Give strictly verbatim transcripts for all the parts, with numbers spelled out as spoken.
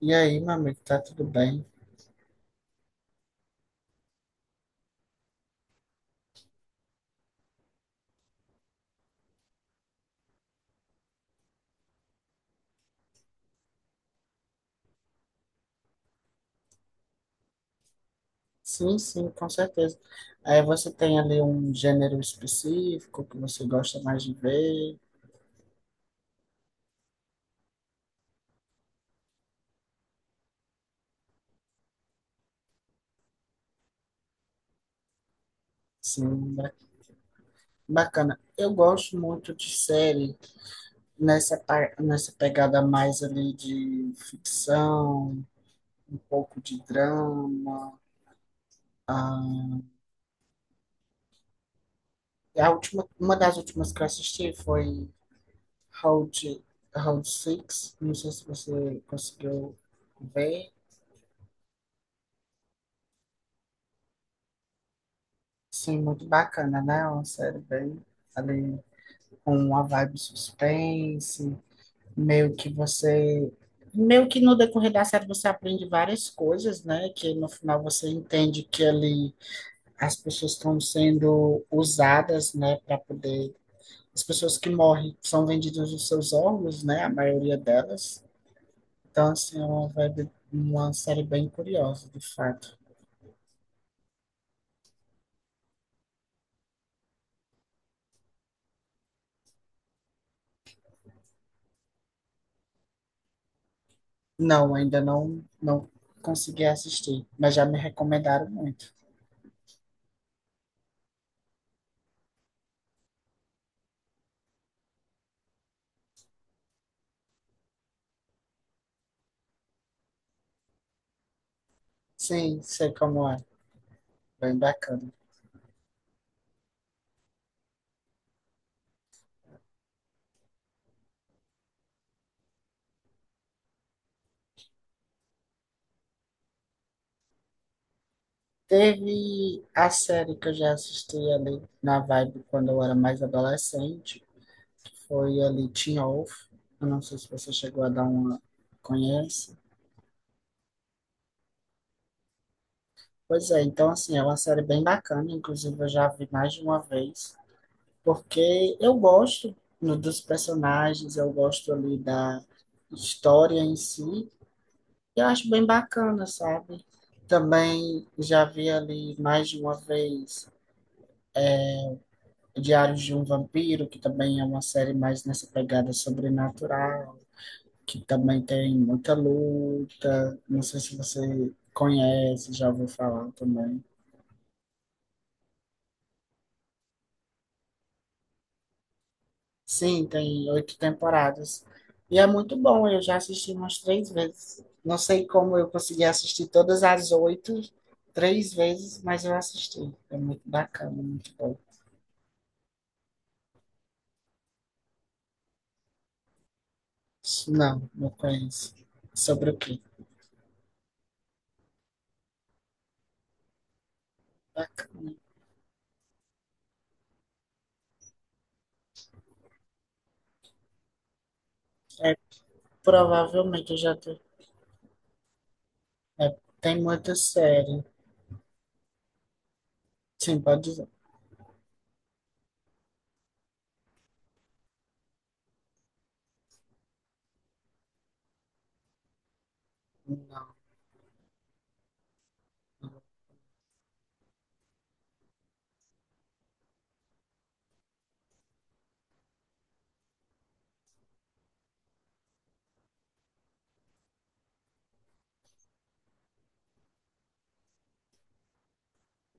E aí, meu amigo, tá tudo bem? Sim, sim, com certeza. Aí você tem ali um gênero específico que você gosta mais de ver. Sim, ba- bacana. Eu gosto muito de série nessa, par- nessa pegada mais ali de ficção, um pouco de drama. Ah, a última, uma das últimas que eu assisti foi Round, Round Six. Não sei se você conseguiu ver. Sim, muito bacana, né? Uma série bem ali com uma vibe suspense, meio que você, meio que no decorrer da série você aprende várias coisas, né? Que no final você entende que ali as pessoas estão sendo usadas, né, para poder as pessoas que morrem são vendidas os seus órgãos, né? A maioria delas. Então, assim, é uma vibe, uma série bem curiosa, de fato. Não, ainda não, não consegui assistir, mas já me recomendaram muito. Sim, sei como é. Bem bacana. Teve a série que eu já assisti ali na vibe quando eu era mais adolescente, que foi ali Teen Wolf. Eu não sei se você chegou a dar uma. Conhece? Pois é, então assim, é uma série bem bacana, inclusive eu já vi mais de uma vez, porque eu gosto no- dos personagens, eu gosto ali da história em si, e eu acho bem bacana, sabe? Também já vi ali mais de uma vez Diários de um Vampiro, que também é uma série mais nessa pegada sobrenatural, que também tem muita luta. Não sei se você conhece, já ouviu falar também. Sim, tem oito temporadas. E é muito bom, eu já assisti umas três vezes. Não sei como eu consegui assistir todas as oito, três vezes, mas eu assisti. É muito bacana, muito bom. Não, não conheço. Sobre o quê? Bacana. É, provavelmente eu já tô. É, tem muita série. Sim, pode dizer. Não, não.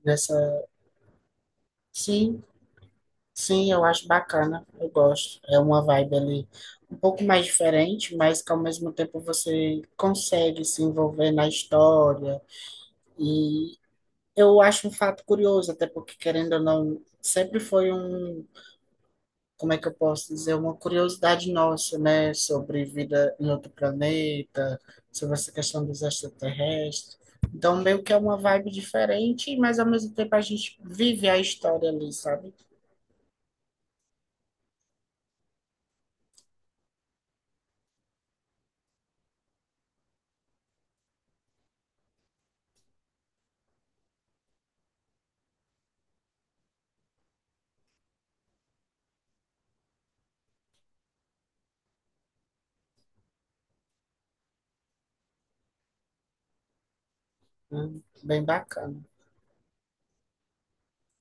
Nessa. Sim, sim, eu acho bacana. Eu gosto. É uma vibe ali um pouco mais diferente, mas que ao mesmo tempo você consegue se envolver na história. E eu acho um fato curioso, até porque, querendo ou não, sempre foi um, como é que eu posso dizer, uma curiosidade nossa, né, sobre vida em outro planeta, sobre essa questão dos extraterrestres. Então, meio que é uma vibe diferente, mas ao mesmo tempo a gente vive a história ali, sabe? Hum, Bem bacana.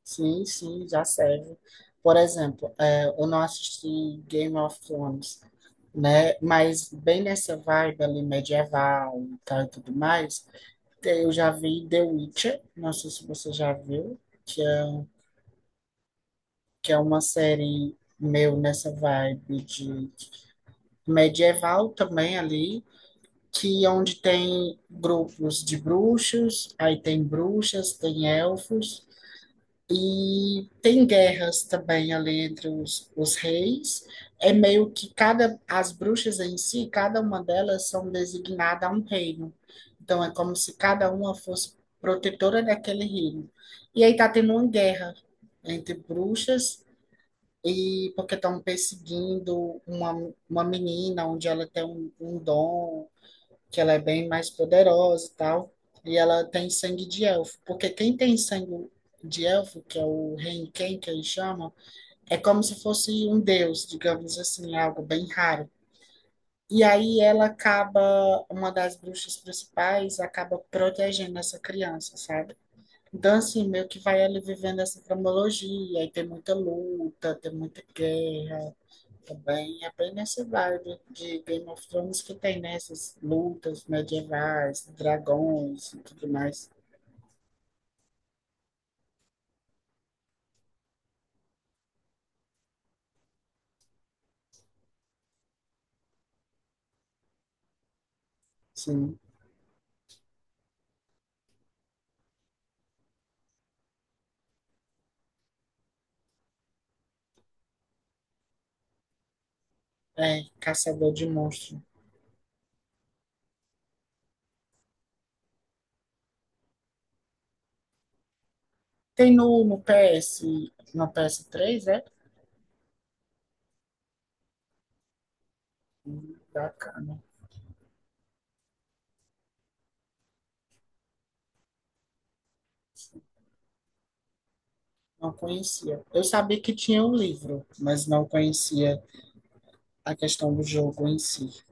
Sim, sim, já serve. Por exemplo, é, eu não assisti Game of Thrones, né? Mas bem nessa vibe ali medieval e tal e tudo mais, eu já vi The Witcher, não sei se você já viu, que é um, que é uma série meu nessa vibe de medieval também ali, que onde tem grupos de bruxos, aí tem bruxas, tem elfos e tem guerras também ali entre os, os reis. É meio que cada as bruxas em si, cada uma delas são designadas a um reino. Então é como se cada uma fosse protetora daquele reino. E aí tá tendo uma guerra entre bruxas e porque estão perseguindo uma, uma menina onde ela tem um, um dom, que ela é bem mais poderosa e tal, e ela tem sangue de elfo. Porque quem tem sangue de elfo, que é o Renken, que eles chamam, é como se fosse um deus, digamos assim, algo bem raro. E aí ela acaba, uma das bruxas principais, acaba protegendo essa criança, sabe? Então, assim, meio que vai ali vivendo essa cronologia, e tem muita luta, tem muita guerra, também é bem nessa vibe de Game of Thrones que tem nessas lutas medievais, dragões e tudo mais. Sim, é caçador de monstros. Tem no, no P S, no P S três, é? Hum, Bacana. Não conhecia. Eu sabia que tinha um livro, mas não conhecia a questão do jogo em si.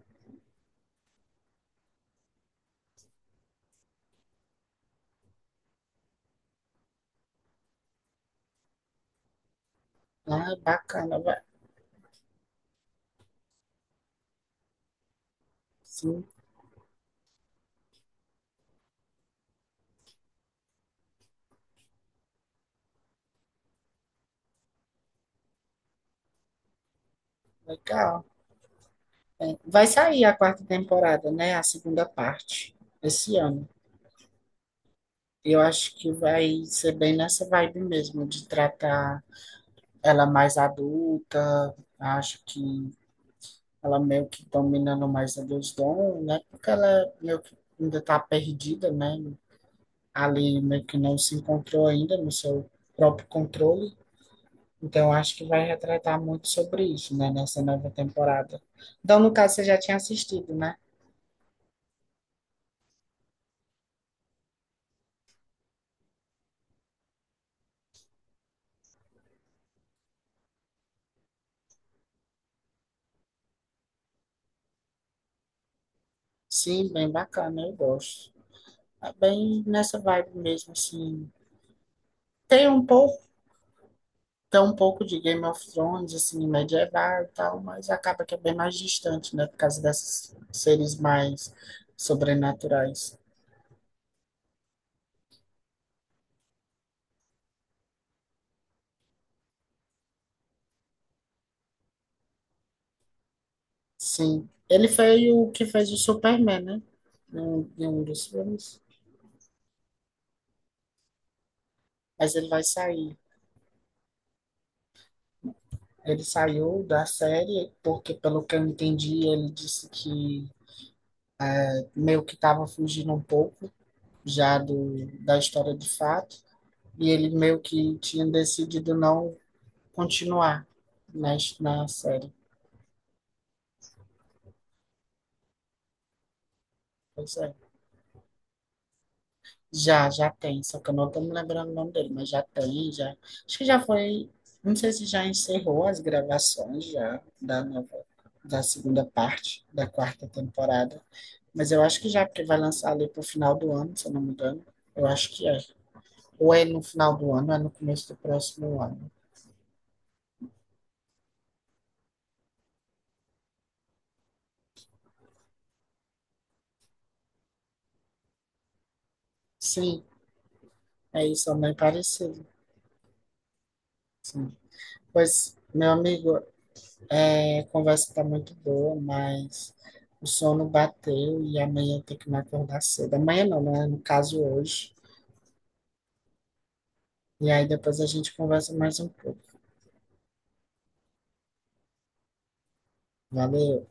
Ah, bacana, vai. Sim, legal. É, vai sair a quarta temporada, né? A segunda parte, esse ano. Eu acho que vai ser bem nessa vibe mesmo, de tratar ela mais adulta. Acho que ela meio que dominando mais a Deus dons, né? Porque ela meio que ainda está perdida, né? Ali meio que não se encontrou ainda no seu próprio controle. Então, acho que vai retratar muito sobre isso, né? Nessa nova temporada. Então, no caso, você já tinha assistido, né? Sim, bem bacana, eu gosto. É bem nessa vibe mesmo, assim. Tem um pouco. Tem um pouco de Game of Thrones, assim, medieval e tal, mas acaba que é bem mais distante, né? Por causa desses seres mais sobrenaturais. Sim. Ele foi o que fez o Superman, né? Em um em um dos filmes. Mas ele vai sair. Ele saiu da série porque, pelo que eu entendi, ele disse que meio que estava fugindo um pouco já do, da história de fato. E ele meio que tinha decidido não continuar na, na série. Pois é. Já, já tem, só que eu não estou me lembrando o nome dele, mas já tem, já. Acho que já foi, não sei se já encerrou as gravações já da nova, da segunda parte da quarta temporada, mas eu acho que já, porque vai lançar ali pro final do ano, se eu não me engano. Eu acho que é. Ou é no final do ano, ou é no começo do próximo ano. Sim, é isso, é bem parecido. Sim. Pois, meu amigo, é, a conversa tá muito boa, mas o sono bateu e amanhã tem que me acordar cedo. Amanhã não, né? No caso hoje. E aí depois a gente conversa mais um pouco. Valeu.